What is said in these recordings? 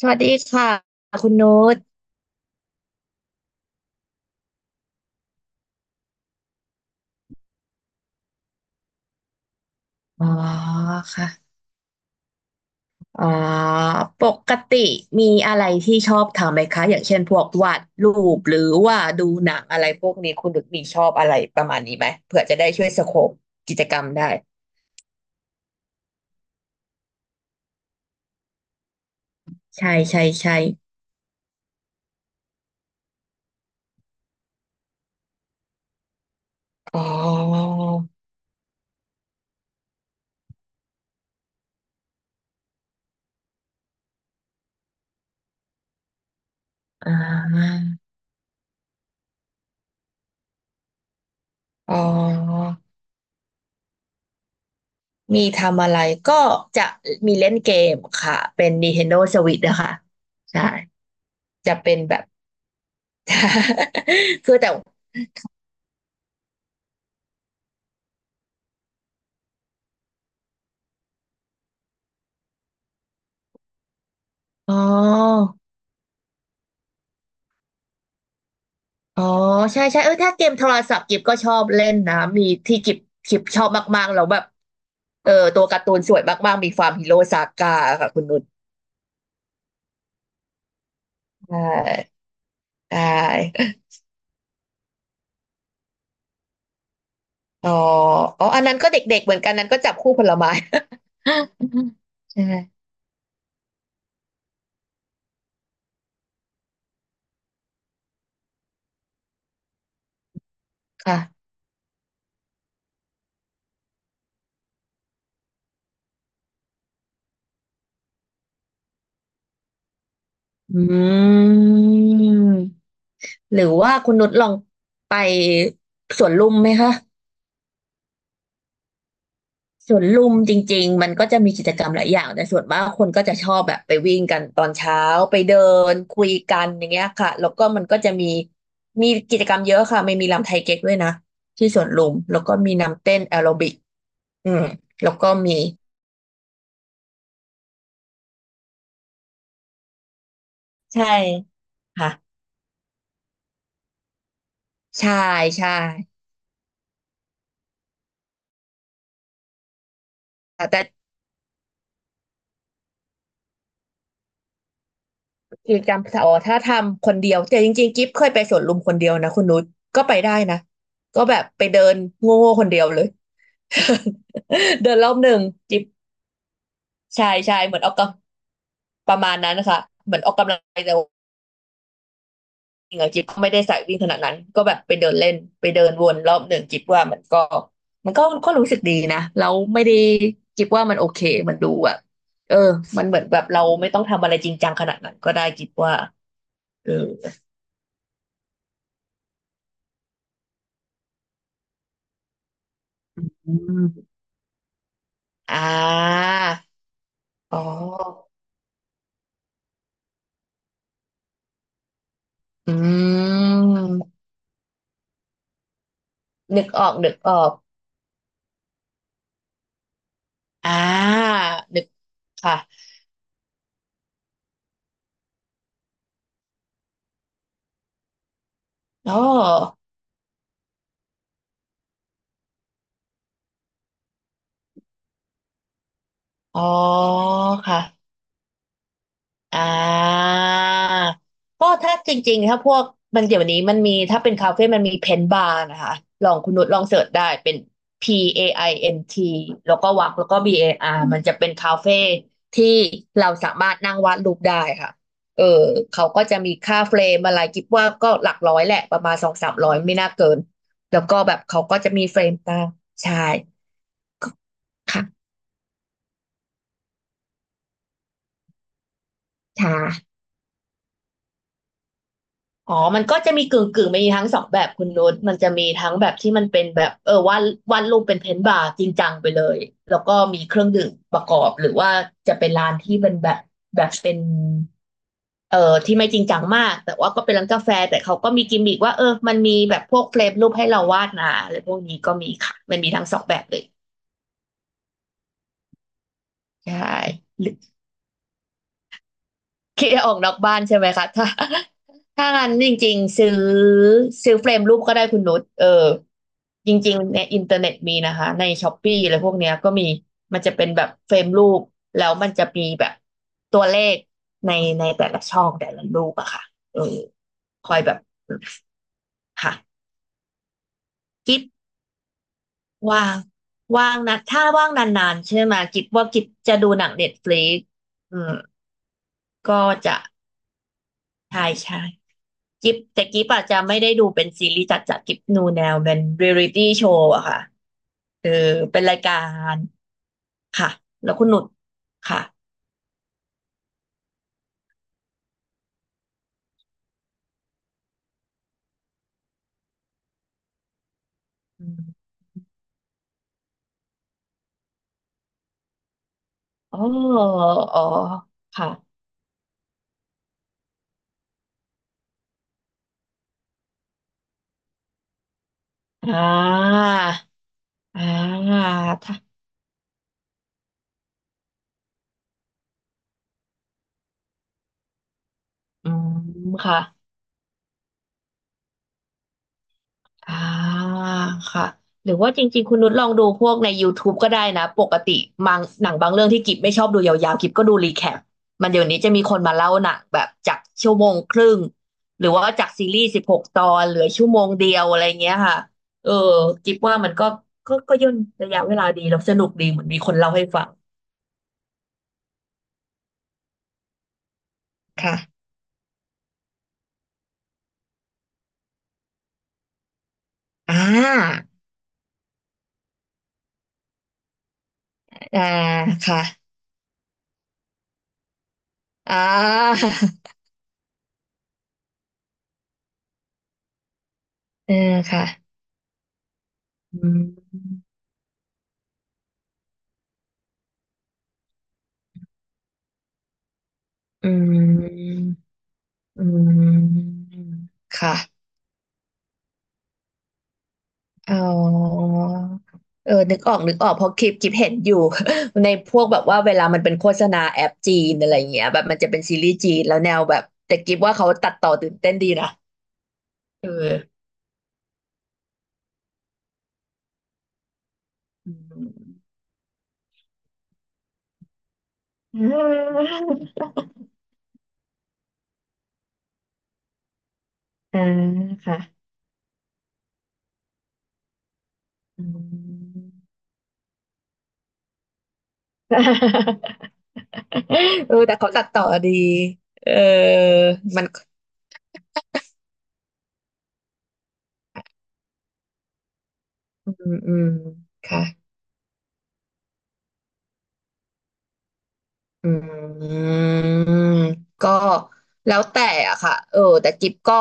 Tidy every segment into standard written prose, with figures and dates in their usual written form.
สวัสดีค่ะคุณนุชอ๋อค่ะอ๋อปกติมีอะไรที่ชอบทำไหมคะอย่างเช่นพวกวาดรูปหรือว่าดูหนังอะไรพวกนี้คุณนุชมีชอบอะไรประมาณนี้ไหมเผื่อจะได้ช่วยสโคปกิจกรรมได้ใช่ใช่ใช่อ๋ออ่าอ๋อมีทำอะไรก็จะมีเล่นเกมค่ะเป็น Nintendo Switch นะคะใช่จะเป็นแบบ คือแต่อ๋อ อ๋อใช่ใช่ถ้าเกมโทรศัพท์กิบก็ชอบเล่นนะมีที่กิบชอบมากๆแล้วแบบตัวการ์ตูนสวยมากๆมีฟาร์มฮีโร่ซาก้าค่ะคุณนุชใช่ใช่อ๋ออ๋ออันนั้นก็เด็กๆเหมือนกันนั้นก็จับคู่ผลไม้ ใช่ค่ะอืมหรือว่าคุณนุชลองไปสวนลุมไหมคะ สวนลุมจริงๆมันก็จะมีกิจกรรมหลายอย่างแต่ส่วนมากคนก็จะชอบแบบไปวิ่งกันตอนเช้าไปเดินคุยกันอย่างเงี้ยค่ะแล้วก็มันก็จะมีมีกิจกรรมเยอะค่ะไม่มีรำไทยเก๊กด้วยนะที่สวนลุมแล้วก็มีนำเต้นแอโรบิกอืมแล้วก็มีใช่ค่ะใช่ใช่แต่กิจกรรมอ๋อถ้าทำคนเดียวแต่จริงๆกิ๊บเคยไปสวนลุมคนเดียวนะคุณนุชก็ไปได้นะก็แบบไปเดินโง่ๆคนเดียวเลย เดินรอบหนึ่งจิ๊บ ใช่ใช่เหมือนออกกำประมาณนั้นนะคะเหมือนออกกำลังกายแต่ว่าจริงๆอะกิฟก็ไม่ได้สายวิ่งขนาดนั้นก็แบบไปเดินเล่นไปเดินวนรอบหนึ่งกิฟว่ามันก็รู้สึกดีนะแล้วไม่ได้กิฟว่ามันโอเคมันดูแบบเออมันเหมือนแบบเราไม่ต้องทำอะไรจริงจังขนาดนั้นก็ได้กิฟว่าเอออืมอ่าอ๋ออืมนึกออกนึกออกอ่านึกค่ะอ๋ออ๋อค่ะ อ่าก็ถ้าจริงๆถ้าพวกมันเดี๋ยวนี้มันมีถ้าเป็นคาเฟ่มันมีเพนบาร์นะคะลองคุณนุชลองเสิร์ชได้เป็น P A I N T แล้วก็วักแล้วก็ B A R มันจะเป็นคาเฟ่ที่เราสามารถนั่งวาดรูปได้ค่ะเออเขาก็จะมีค่าเฟรมอะไรคิดว่าก็หลักร้อยแหละประมาณสองสามร้อยไม่น่าเกินแล้วก็แบบเขาก็จะมีเฟรมตามใช่ค่ะใช่ อ๋อมันก็จะมีกึ่งกึ่งมีทั้งสองแบบคุณนุชมันจะมีทั้งแบบที่มันเป็นแบบเออวาดรูปเป็นเพนท์บาร์จริงจังไปเลย แล้วก็มีเครื่องดื่มประกอบหรือว่าจะเป็นร้านที่เป็นแบบแบบเป็นที่ไม่จริงจังมากแต่ว่าก็เป็นร้านกาแฟแต่เขาก็มีกิมมิกว่าเออมันมีแบบพวกเฟรมรูปให้เราวาดนะอะไรพวกนี้ก็มีค่ะมันมีทั้งสองแบบเลยใช่ คิดจะออกนอกบ้านใช่ไหมคะถ้า ถ้างั้นจริงๆซื้อซื้อเฟรมรูปก็ได้คุณนุชเออจริงๆในอินเทอร์เน็ตมีนะคะในช้อปปี้อะไรพวกเนี้ยก็มีมันจะเป็นแบบเฟรมรูปแล้วมันจะมีแบบตัวเลขในในแต่ละช่องแต่ละรูปอะค่ะเออคอยแบบค่ะกิ๊บว่างว่างนะถ้าว่างนานๆใช่ไหมกิ๊บว่ากิ๊บจะดูหนังเน็ตฟลิกอืมก็จะใช่ใช่ กิฟแต่กิฟอาจจะไม่ได้ดูเป็นซีรีส์จัดจัดกิฟนูแนวเป็นเรียลิตี้โชว์อะค่ะเออเป็นรายการค่ะแล้วคุณหนุดค่ะอืมอ๋ออ๋อค่ะอ่าอ่าถ้าอืมค่ะ อ่าค่ะหรือว่าจริงๆคุณนุชลองดูพวกใน YouTube ก็ได้นะปกติมังหนังบางเรื่องที่กิบไม่ชอบดูยาวๆกิบก็ดูรีแคปมันเดี๋ยวนี้จะมีคนมาเล่าหนังแบบจากชั่วโมงครึ่งหรือว่าจากซีรีส์16ตอนเหลือชั่วโมงเดียวอะไรเงี้ยค่ะเออกิบว่ามันก็ย่นระยะเวลาดีแล้วสนุกดีเหมือนมีคนเล่าให้ฟังค่ะอ่าอ่าค่ะอ่าเออค่ะอืมอืม อืมค่ะอ๋อเออนึกออก นึกออก เพราะคลิปเห็นอยู่ ในพวกแบบว่าเวลามันเป็นโฆษณาแอปจีนอะไรอย่างเงี้ยแบบมันจะเป็นซีรีส์จีนแล้วแนวแบบแต่กิฟว่าเขาตัดต่อตื่นเต้นดีนะเอออืม อ่าอ่าค่ะ อืม เออแต่เขาตัดต่อดีเออมันอืมอืมค่ะ อืมก็แล้วแต่อะค่ะเออแต่กิฟก็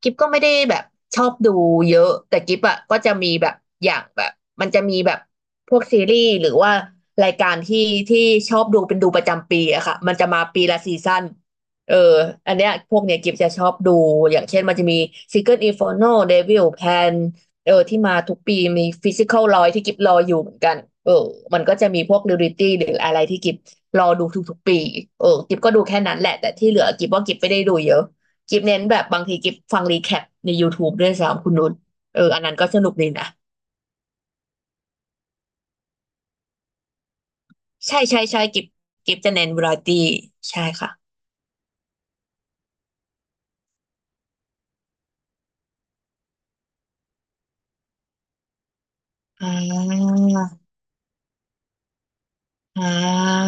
กิฟก็ไม่ได้แบบชอบดูเยอะแต่กิฟอะก็จะมีแบบอย่างแบบมันจะมีแบบพวกซีรีส์หรือว่ารายการที่ที่ชอบดูเป็นดูประจำปีอะค่ะมันจะมาปีละซีซั่นเอออันเนี้ยพวกเนี้ยกิฟจะชอบดูอย่างเช่นมันจะมี Secret Inferno Devil Pan เออที่มาทุกปีมีฟิสิค a ลรอยที่กิฟรออยู่เหมือนกันเออมันก็จะมีพวกดิวริตี้หรืออะไรที่กิฟรอดูทุกๆปีกิฟก็ดูแค่นั้นแหละแต่ที่เหลือกิฟว่ากิฟไม่ได้ดูเยอะกิฟเน้นแบบบางทีกิฟฟังรีแคปใน YouTube ด้วยซ้ำคุณนุชอันนั้นก็สนุกดีนะใช่ใช่ใช่กิฟกิฟจะเน้นวาไรตี้ใช่ค่ะอ่าอ่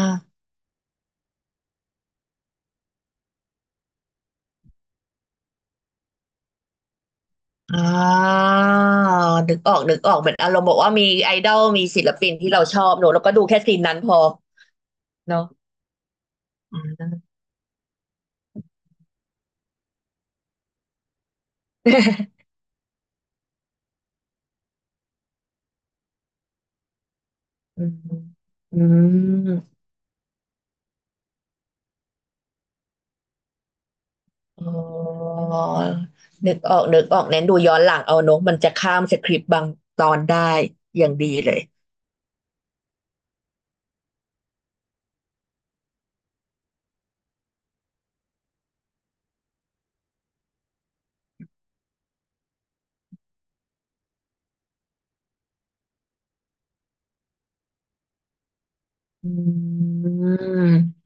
าอ่านึกออกนึกออกเหมือนอารมณ์บอกว่ามีไอดอลมีศิลปินที่เราชอบเนอะแล้วก็ดูแค่ซีนนั้นพอเนาะ อืมอืมอ๋อนึกออกนึกออกเน้นดูย้อนหลังเอาเนอะมันจะข้ามสคริปต์บางตอนได้อย่างดีเลยอืม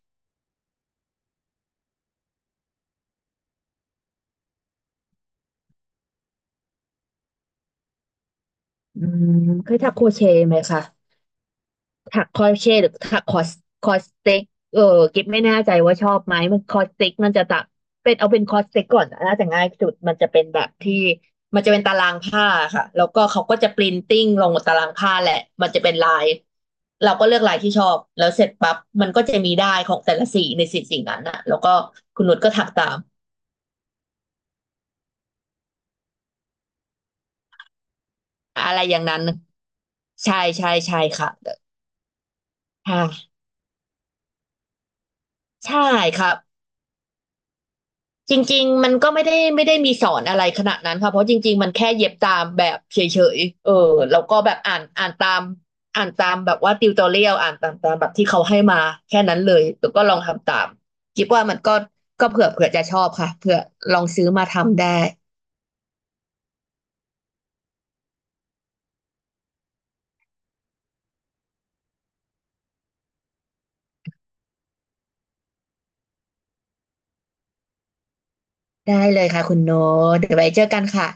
อืมเคยทักโครเชต์ไหมคะ ถักคอรเชตหรือถักคอสคอสเต็กเออกิ๊บไม่แน่ใจว่าชอบไหมมันคอสเต็กมันจะตักเป็นคอสเต็กก่อนน่าจะง่ายสุดมันจะเป็นแบบที่มันจะเป็นตารางผ้าค่ะแล้วก็เขาก็จะปรินติ้งลงบนตารางผ้าแหละมันจะเป็นลายเราก็เลือกลายที่ชอบแล้วเสร็จปั๊บมันก็จะมีได้ายของแต่ละสีในสีสิ่งนั้นอะแล้วก็คุณนุชก็ถักตามอะไรอย่างนั้นใช่ใช่ใช่ค่ะค่ะใช่ครับ จริงๆ มันก็ไม่ได้มีสอนอะไรขนาดนั้นค่ะเพราะจริงๆ มันแค่เย็บตามแบบเฉยๆแล้วก็แบบอ่านตามอ่านตามแบบว่าติวตอเรียลอ่านตามแบบที่เขาให้มาแค่นั้นเลยแล้วก็ลองทำตามคิดว่ามันก็เผื่อจะชอบค่ะเผื่อลองซื้อมาทำได้ได้เลยค่ะคุณโนตเดี๋ยวไว้เจอกันค่ะ